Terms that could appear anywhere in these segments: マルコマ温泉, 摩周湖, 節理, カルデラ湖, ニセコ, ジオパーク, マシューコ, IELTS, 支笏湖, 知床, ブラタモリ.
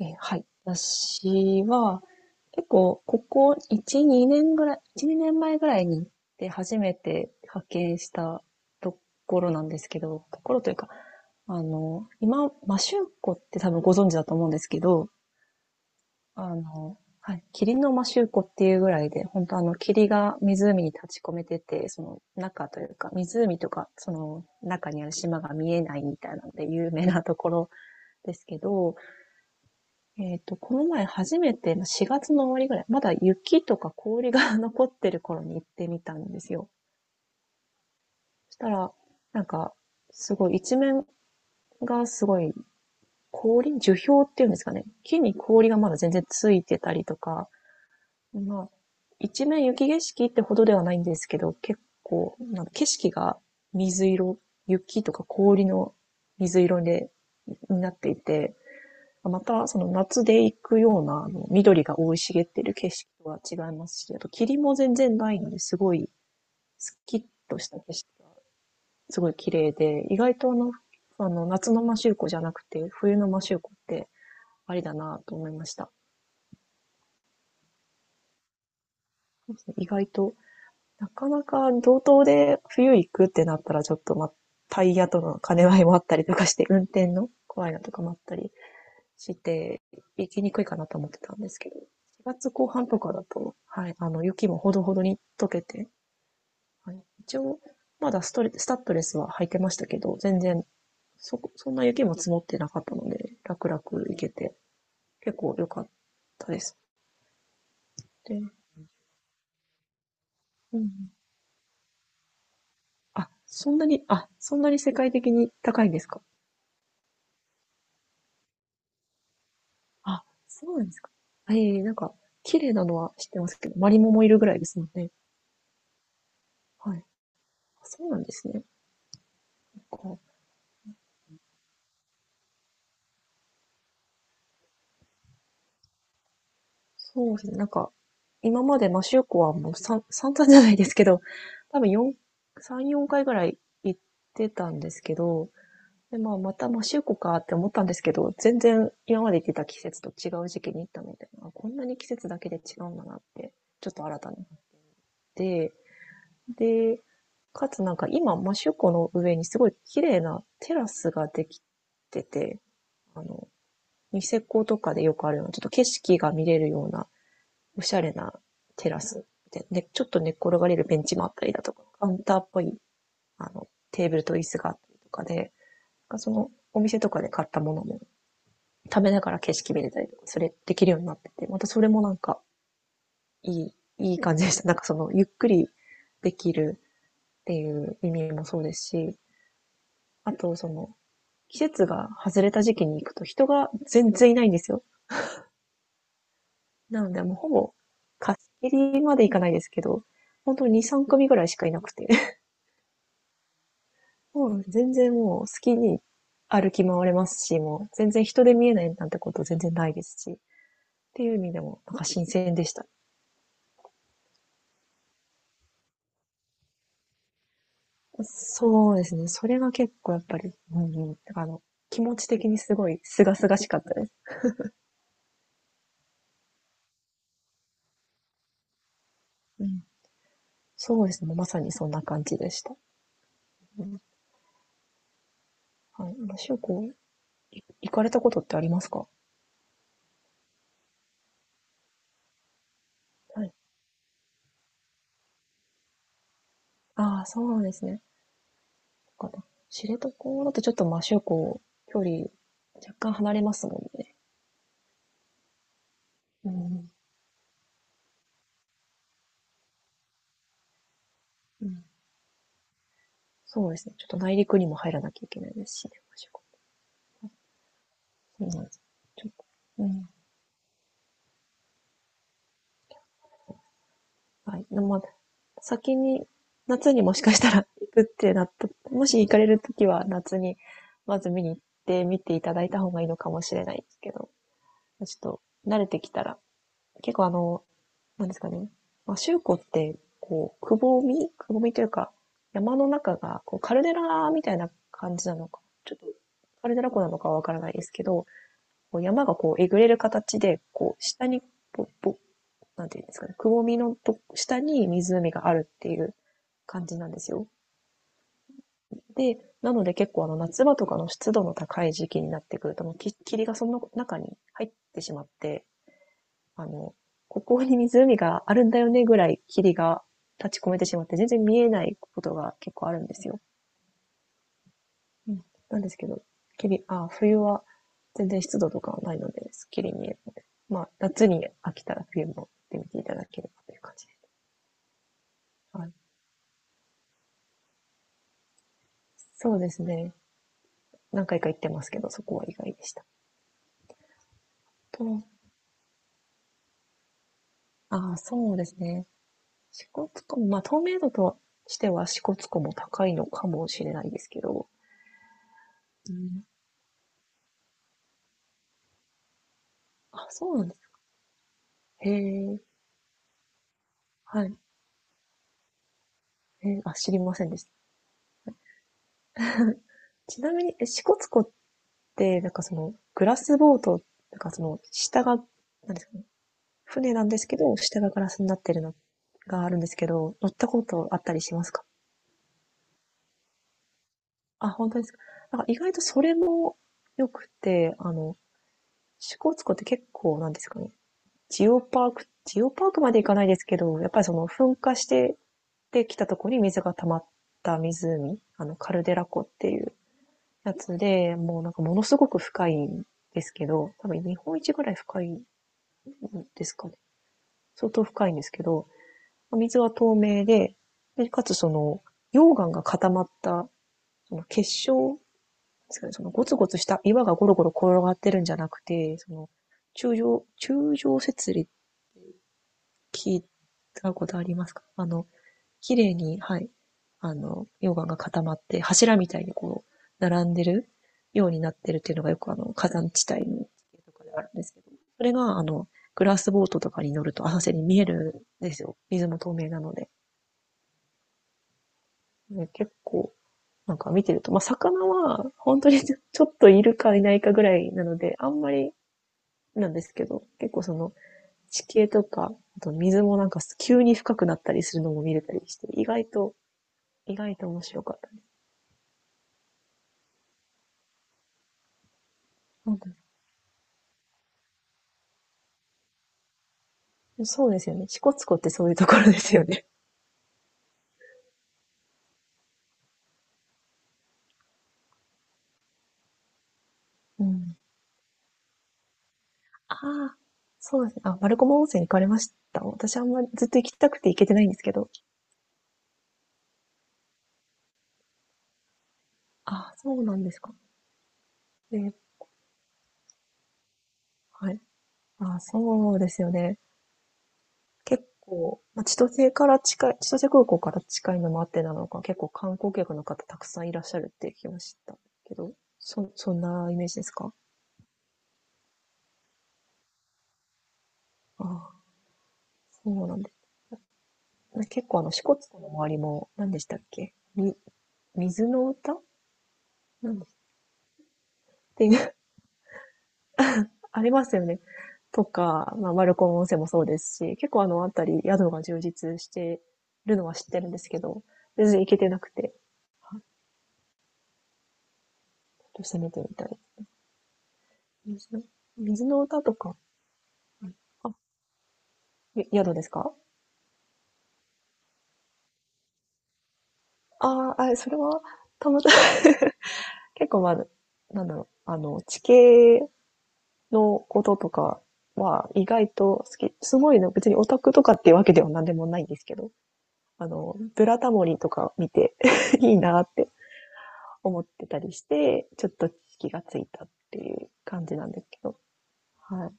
はい。私は、結構、ここ1、2年ぐらい、1、2年前ぐらいに行って初めて派遣したところなんですけど、ところというか、今、マシューコって多分ご存知だと思うんですけど、霧のマシューコっていうぐらいで、本当、霧が湖に立ち込めてて、その中というか、湖とか、その中にある島が見えないみたいなので有名なところですけど、この前初めて、4月の終わりぐらい、まだ雪とか氷が 残ってる頃に行ってみたんですよ。そしたら、なんか、すごい一面が、すごい氷樹氷っていうんですかね。木に氷がまだ全然ついてたりとか、まあ、一面雪景色ってほどではないんですけど、結構、なんか景色が水色、雪とか氷の水色になっていて、また、その夏で行くような、緑が生い茂っている景色とは違いますし、あと霧も全然ないので、すごいスッキッとした景色、すごい綺麗で、意外と、夏の摩周湖じゃなくて、冬の摩周湖ってありだなと思いました。意外と、なかなか道東で冬行くってなったら、ちょっと、タイヤとの兼ね合いもあったりとかして、運転の怖いなとかもあったりして行きにくいかなと思ってたんですけど、4月後半とかだと、雪もほどほどに溶けて、はい、一応、まだストレスタッドレスは履いてましたけど、全然そんな雪も積もってなかったので、楽々行けて、結構良かったです。で、うん。あ、そんなに世界的に高いんですか？あ、そうなんですか。ええ、なんか綺麗なのは知ってますけど、マリモもいるぐらいですもんね。はい。あ、そうなんですね。なんか、そうですね。今までマシューコはもう散々じゃないですけど、多分4、3、4回ぐらい行ってたんですけど、で、まあ、またマシューコかって思ったんですけど、全然今まで行ってた季節と違う時期に行ったので、あ、こんなに季節だけで違うんだなってちょっと新たになって、で、かつなんか今、マシューコの上にすごい綺麗なテラスができてて、あの、ニセコとかでよくあるような、ちょっと景色が見れるようなおしゃれなテラスで、ねちょっと寝っ転がれるベンチもあったりだとか、カウンターっぽい、テーブルと椅子があったりとかで、その、お店とかで買ったものも食べながら景色見れたりとか、それできるようになってて、またそれもなんか、いい、いい感じでした。なんかその、ゆっくりできるっていう意味もそうですし、あとその、季節が外れた時期に行くと人が全然いないんですよ。なのでもうほぼ貸し切りまでいかないですけど、本当に2、3組ぐらいしかいなくて、そう、全然もう好きに歩き回れますし、もう全然人で見えないなんてこと全然ないですし、っていう意味でもなんか新鮮でした。そうですね。それが結構やっぱり、うんうん。だから、気持ち的にすごい清々しかったです。うん。そうですね。まさにそんな感じでした。うん。はい。しゅうこ、い行かれたことってありますか？はい。ああ、そうですね。そっかな。知床だとちょっと、しゅうこ、距離若干離れますもんね。うん。うん、そうですね。ちょっと内陸にも入らなきゃいけないですしね。うん。ちょっと、うん。はい。でもまあ、先に、夏にもしかしたら行くってなった、もし行かれるときは夏に、まず見に行って見ていただいた方がいいのかもしれないですけど、ちょっと慣れてきたら、結構、なんですかね。まあ、周湖って、こう、くぼみというか、山の中が、こう、カルデラみたいな感じなのか、ちょっと、カルデラ湖なのかはわからないですけど、こう山がこうえぐれる形で、こう下に、ぼ、ぼ、なんていうんですかね、くぼみのと下に湖があるっていう感じなんですよ。なので結構あの夏場とかの湿度の高い時期になってくると、もう霧がその中に入ってしまって、あの、ここに湖があるんだよねぐらい霧が立ち込めてしまって全然見えないことが結構あるんですよ。うん、なんですけど、きり、あ、冬は全然湿度とかはないので、すっきり見えるので、まあ、夏に飽きたら冬も行ってみていただければという感じです。はい。そうですね。何回か行ってますけど、そこは意外でした。と、ああ、そうですね。支笏湖も、まあ、透明度としては支笏湖も高いのかもしれないですけど、うん、あ、そうなんです。へえ、はい。あ、知りませんでした。ちなみに、え支笏湖っで、なんかその、グラスボート、なんかその、下が、なんですかね、船なんですけど、下がガラスになってるのがあるんですけど、乗ったことあったりしますか？あ、本当ですか。なんか意外とそれも良くて、支笏湖って結構なんですかね、ジオパークまで行かないですけど、やっぱりその噴火してできたところに水が溜まった湖、あの、カルデラ湖っていうやつで、もうなんかものすごく深いんですけど、多分日本一ぐらい深いんですかね、相当深いんですけど、水は透明で、かつその、溶岩が固まった、その結晶ですかね、そのゴツゴツした岩がゴロゴロ転がってるんじゃなくて、その、中上節理聞いたことありますか？あの、綺麗に、はい、あの、溶岩が固まって、柱みたいにこう、並んでるようになってるっていうのがよくあの、火山地帯の地形とかであるんですけど、それがあの、グラスボートとかに乗ると浅瀬に見えるんですよ。水も透明なので。ね結構、なんか見てると、まあ、魚は、本当に ちょちょっといるかいないかぐらいなので、あんまりなんですけど、結構その、地形とか、あと水もなんか急に深くなったりするのも見れたりして、意外と面白かった。なんか、そうですよね。支笏湖ってそういうところですよね。うん。ああ、そうですね。あ、マルコマ温泉行かれました？私あんまりずっと行きたくて行けてないんですけど。あ、そうなんですか。で、はい。あ、そうですよね。結構、千歳空港から近いのもあってなのか、結構観光客の方たくさんいらっしゃるって聞きましたけど、そんなイメージですか？ああ、そうなんです。結構あの、支笏湖の周りも、何でしたっけ、水の歌なんですっていう ありますよね。とか、まあ、丸子温泉もそうですし、結構あの辺り、宿が充実してるのは知ってるんですけど、全然行けてなくて、ちょっと攻めてみたい。水の、水の歌とか、あ、ゆ宿ですか？ああ、あ、それは、たまたま 結構まあ、なんだろう、あの、地形のこととかは意外と好き。すごいね、別にオタクとかっていうわけでは何でもないんですけど、あの、ブラタモリとか見て いいなって思ってたりして、ちょっと気がついたっていう感じなんですけど、はい。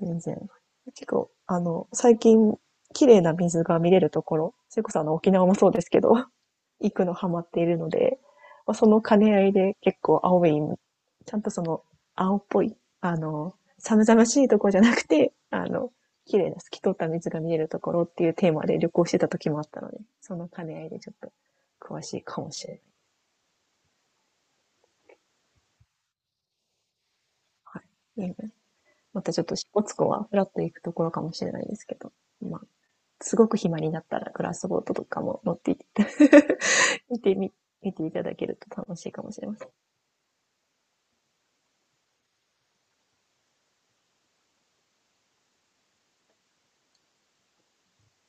全然。結構、あの、最近、綺麗な水が見れるところ、それこそあの、沖縄もそうですけど、行くのハマっているので、まあ、その兼ね合いで結構青い、ちゃんとその、青っぽい、あの、寒々しいところじゃなくて、あの、綺麗な透き通った水が見えるところっていうテーマで旅行してた時もあったので、その兼ね合いでちょっと詳しいかもしれない。はい。またちょっと、支笏湖はフラッと行くところかもしれないですけど、まあ、すごく暇になったらグラスボートとかも乗っていって、見てみ、見ていただけると楽しいかもしれません。